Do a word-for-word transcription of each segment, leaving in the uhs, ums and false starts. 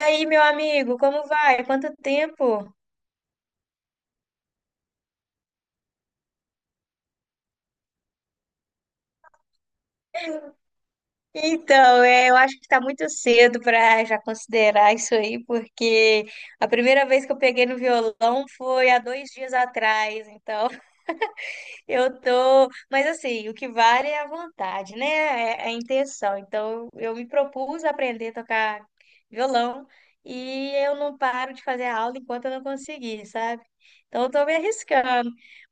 E aí, meu amigo, como vai? Quanto tempo? Então, é, eu acho que está muito cedo para já considerar isso aí, porque a primeira vez que eu peguei no violão foi há dois dias atrás, então eu tô. Mas assim, o que vale é a vontade, né? É é a intenção. Então, eu me propus a aprender a tocar violão e eu não paro de fazer aula enquanto eu não conseguir, sabe? Então, eu tô me arriscando.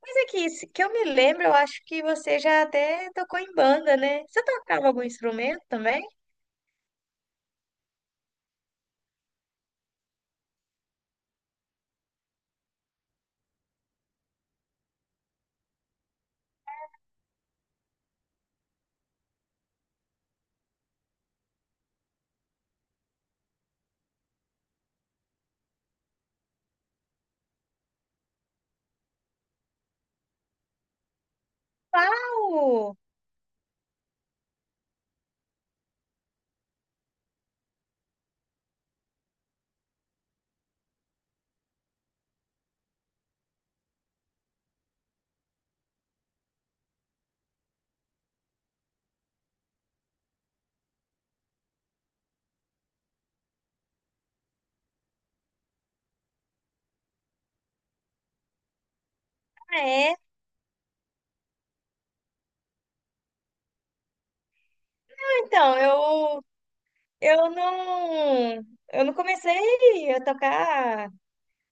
Mas é que, se- que eu me lembro, eu acho que você já até tocou em banda, né? Você tocava algum instrumento também? Uau! Ah, é? Então, eu, eu não, eu não comecei a tocar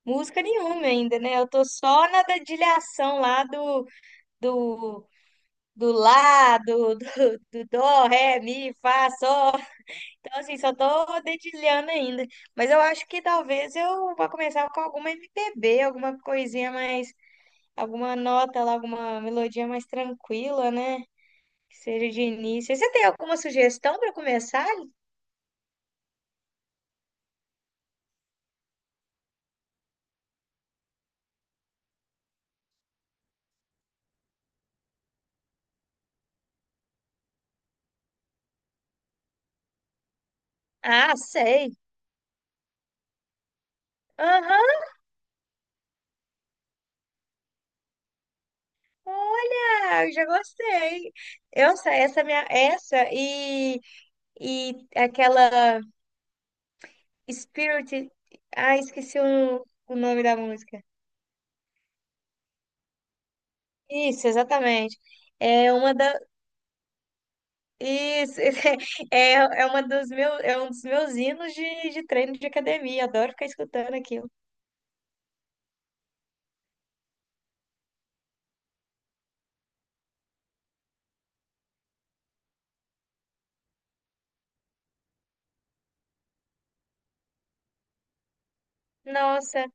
música nenhuma ainda, né? Eu tô só na dedilhação lá do, do, do lá, do, do, do dó, ré, mi, fá, sol. Então, assim, só tô dedilhando ainda. Mas eu acho que talvez eu vá começar com alguma M P B, alguma coisinha mais alguma nota lá, alguma melodia mais tranquila, né? Que seja de início. Você tem alguma sugestão para começar? Ah, sei. Aham, olha, eu já gostei. Essa, essa minha, essa e e aquela Spirit. Ah, esqueci o, o nome da música. Isso, exatamente. É uma da isso é, é uma dos meus é um dos meus hinos de, de treino de academia. Adoro ficar escutando aquilo. Nossa.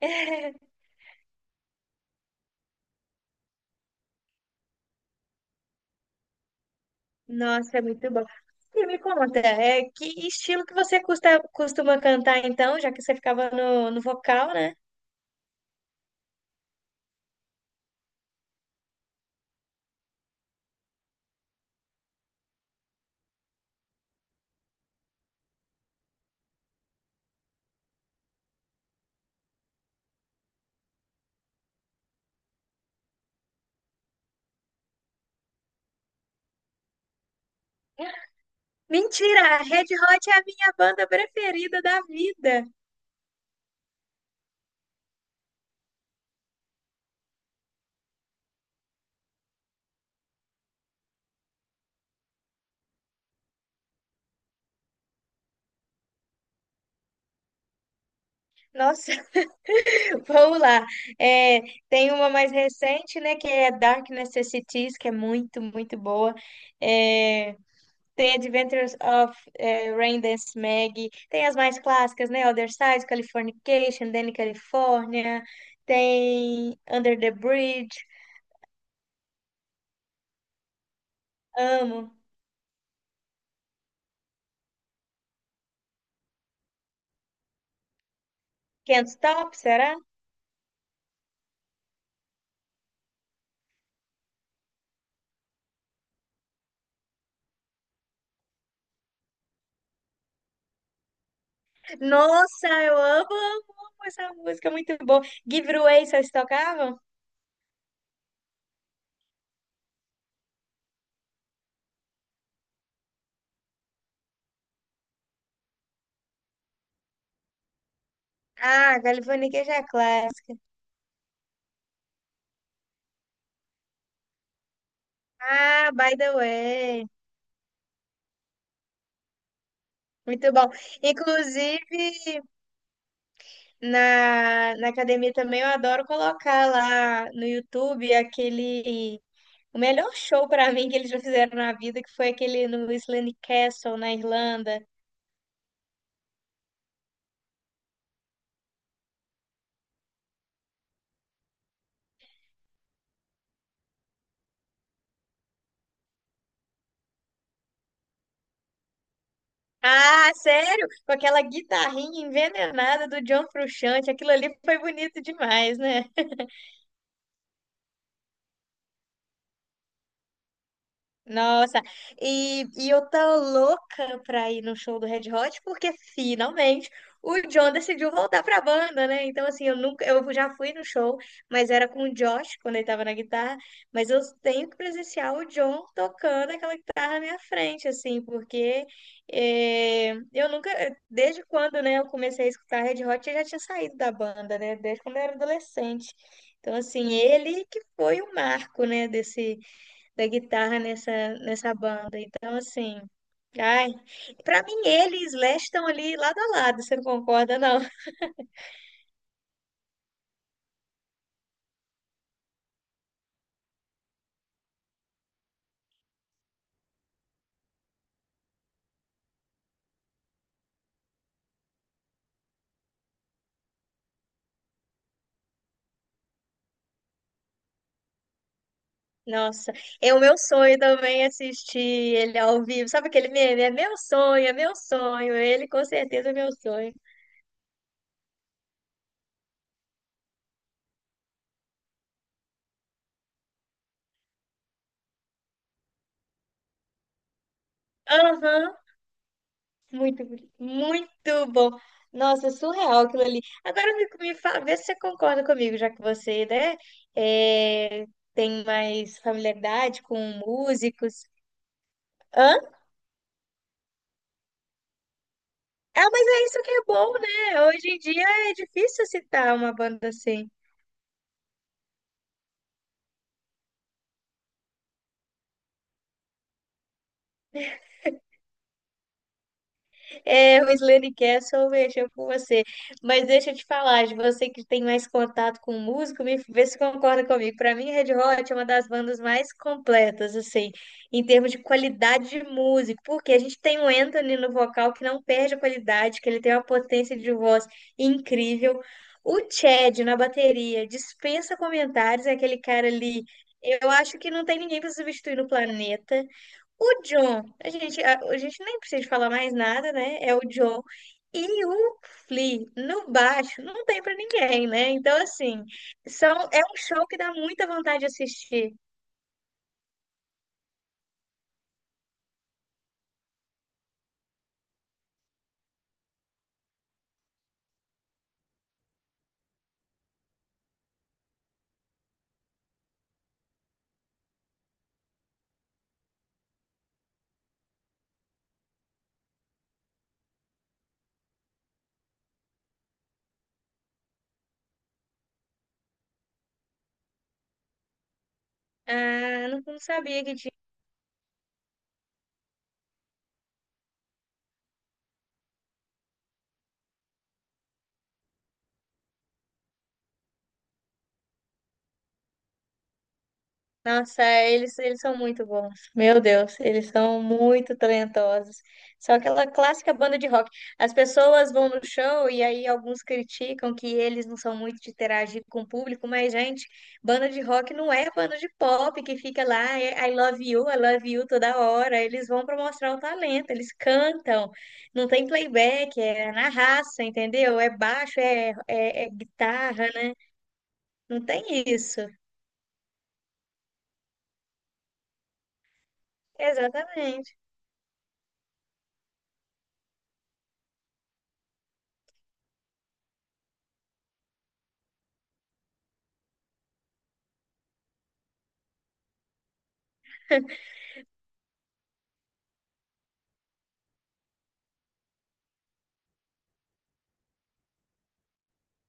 Nossa, é muito bom. E me conta, é, que estilo que você custa- costuma cantar então, já que você ficava no, no vocal, né? Mentira, a Red Hot é a minha banda preferida da vida. Nossa, vamos lá. É, tem uma mais recente, né, que é Dark Necessities, que é muito, muito boa. É, tem Adventures of eh, Raindance Maggie, tem as mais clássicas, né? Other Side, Californication, Danny California, tem Under the Bridge, amo. Can't Stop, será? Nossa, eu amo, amo, amo essa música, muito boa. Give It Away, vocês tocavam? Ah, Californication é clássica. Ah, By the Way. Muito bom. Inclusive, na, na academia também eu adoro colocar lá no YouTube aquele o melhor show pra mim que eles já fizeram na vida, que foi aquele no Islane Castle, na Irlanda. Ah, sério? Com aquela guitarrinha envenenada do John Frusciante, aquilo ali foi bonito demais, né? Nossa, e, e eu tô louca pra ir no show do Red Hot, porque finalmente o John decidiu voltar pra banda, né? Então, assim, eu nunca, eu já fui no show, mas era com o Josh quando ele tava na guitarra, mas eu tenho que presenciar o John tocando aquela guitarra na minha frente, assim, porque eh, eu nunca, desde quando, né, eu comecei a escutar Red Hot, eu já tinha saído da banda, né? Desde quando eu era adolescente. Então, assim, ele que foi o marco, né, desse da guitarra nessa, nessa banda. Então, assim, ai, para mim ele e Slash estão ali lado a lado, você não concorda, não? Nossa, é o meu sonho também assistir ele ao vivo. Sabe aquele meme? É meu sonho, é meu sonho. Ele com certeza é meu sonho. Aham, muito, boni- muito bom. Nossa, surreal aquilo ali. Agora me, me fa- vê se você concorda comigo, já que você, né, é, tem mais familiaridade com músicos. Hã? Ah, mas é isso que é bom, né? Hoje em dia é difícil citar uma banda assim. É, o Slane Castle mexeu com você. Mas deixa eu te falar, de você que tem mais contato com música, me vê se concorda comigo. Para mim, Red Hot é uma das bandas mais completas, assim, em termos de qualidade de música, porque a gente tem o Anthony no vocal que não perde a qualidade, que ele tem uma potência de voz incrível. O Chad na bateria dispensa comentários, é aquele cara ali. Eu acho que não tem ninguém para substituir no planeta. O John, a gente, a, a gente nem precisa falar mais nada, né? É o John. E o Flea, no baixo, não tem pra ninguém, né? Então, assim, são, é um show que dá muita vontade de assistir. Ah, não, não sabia que. Nossa, é, eles, eles são muito bons. Meu Deus, eles são muito talentosos. São aquela clássica banda de rock. As pessoas vão no show e aí alguns criticam que eles não são muito de interagir com o público, mas, gente, banda de rock não é banda de pop que fica lá, é I love you, I love you toda hora. Eles vão para mostrar o talento, eles cantam, não tem playback, é na raça, entendeu? É baixo, é, é é guitarra, né? Não tem isso. Exatamente,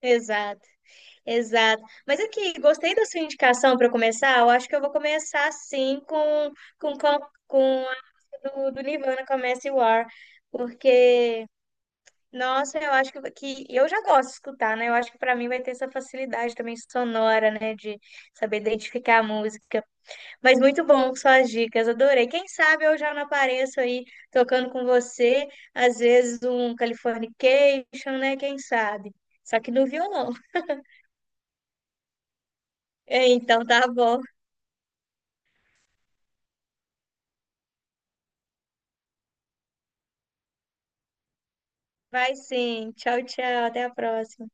exato. Exato. Mas aqui, gostei da sua indicação para começar. Eu acho que eu vou começar sim com com com, com a do, do Nirvana Comece War, porque nossa, eu acho que, que eu já gosto de escutar, né? Eu acho que para mim vai ter essa facilidade também sonora, né, de saber identificar a música. Mas muito bom suas dicas, adorei. Quem sabe eu já não apareço aí tocando com você, às vezes um Californication, né? Quem sabe? Só que no violão. Então tá bom. Vai sim. Tchau, tchau. Até a próxima.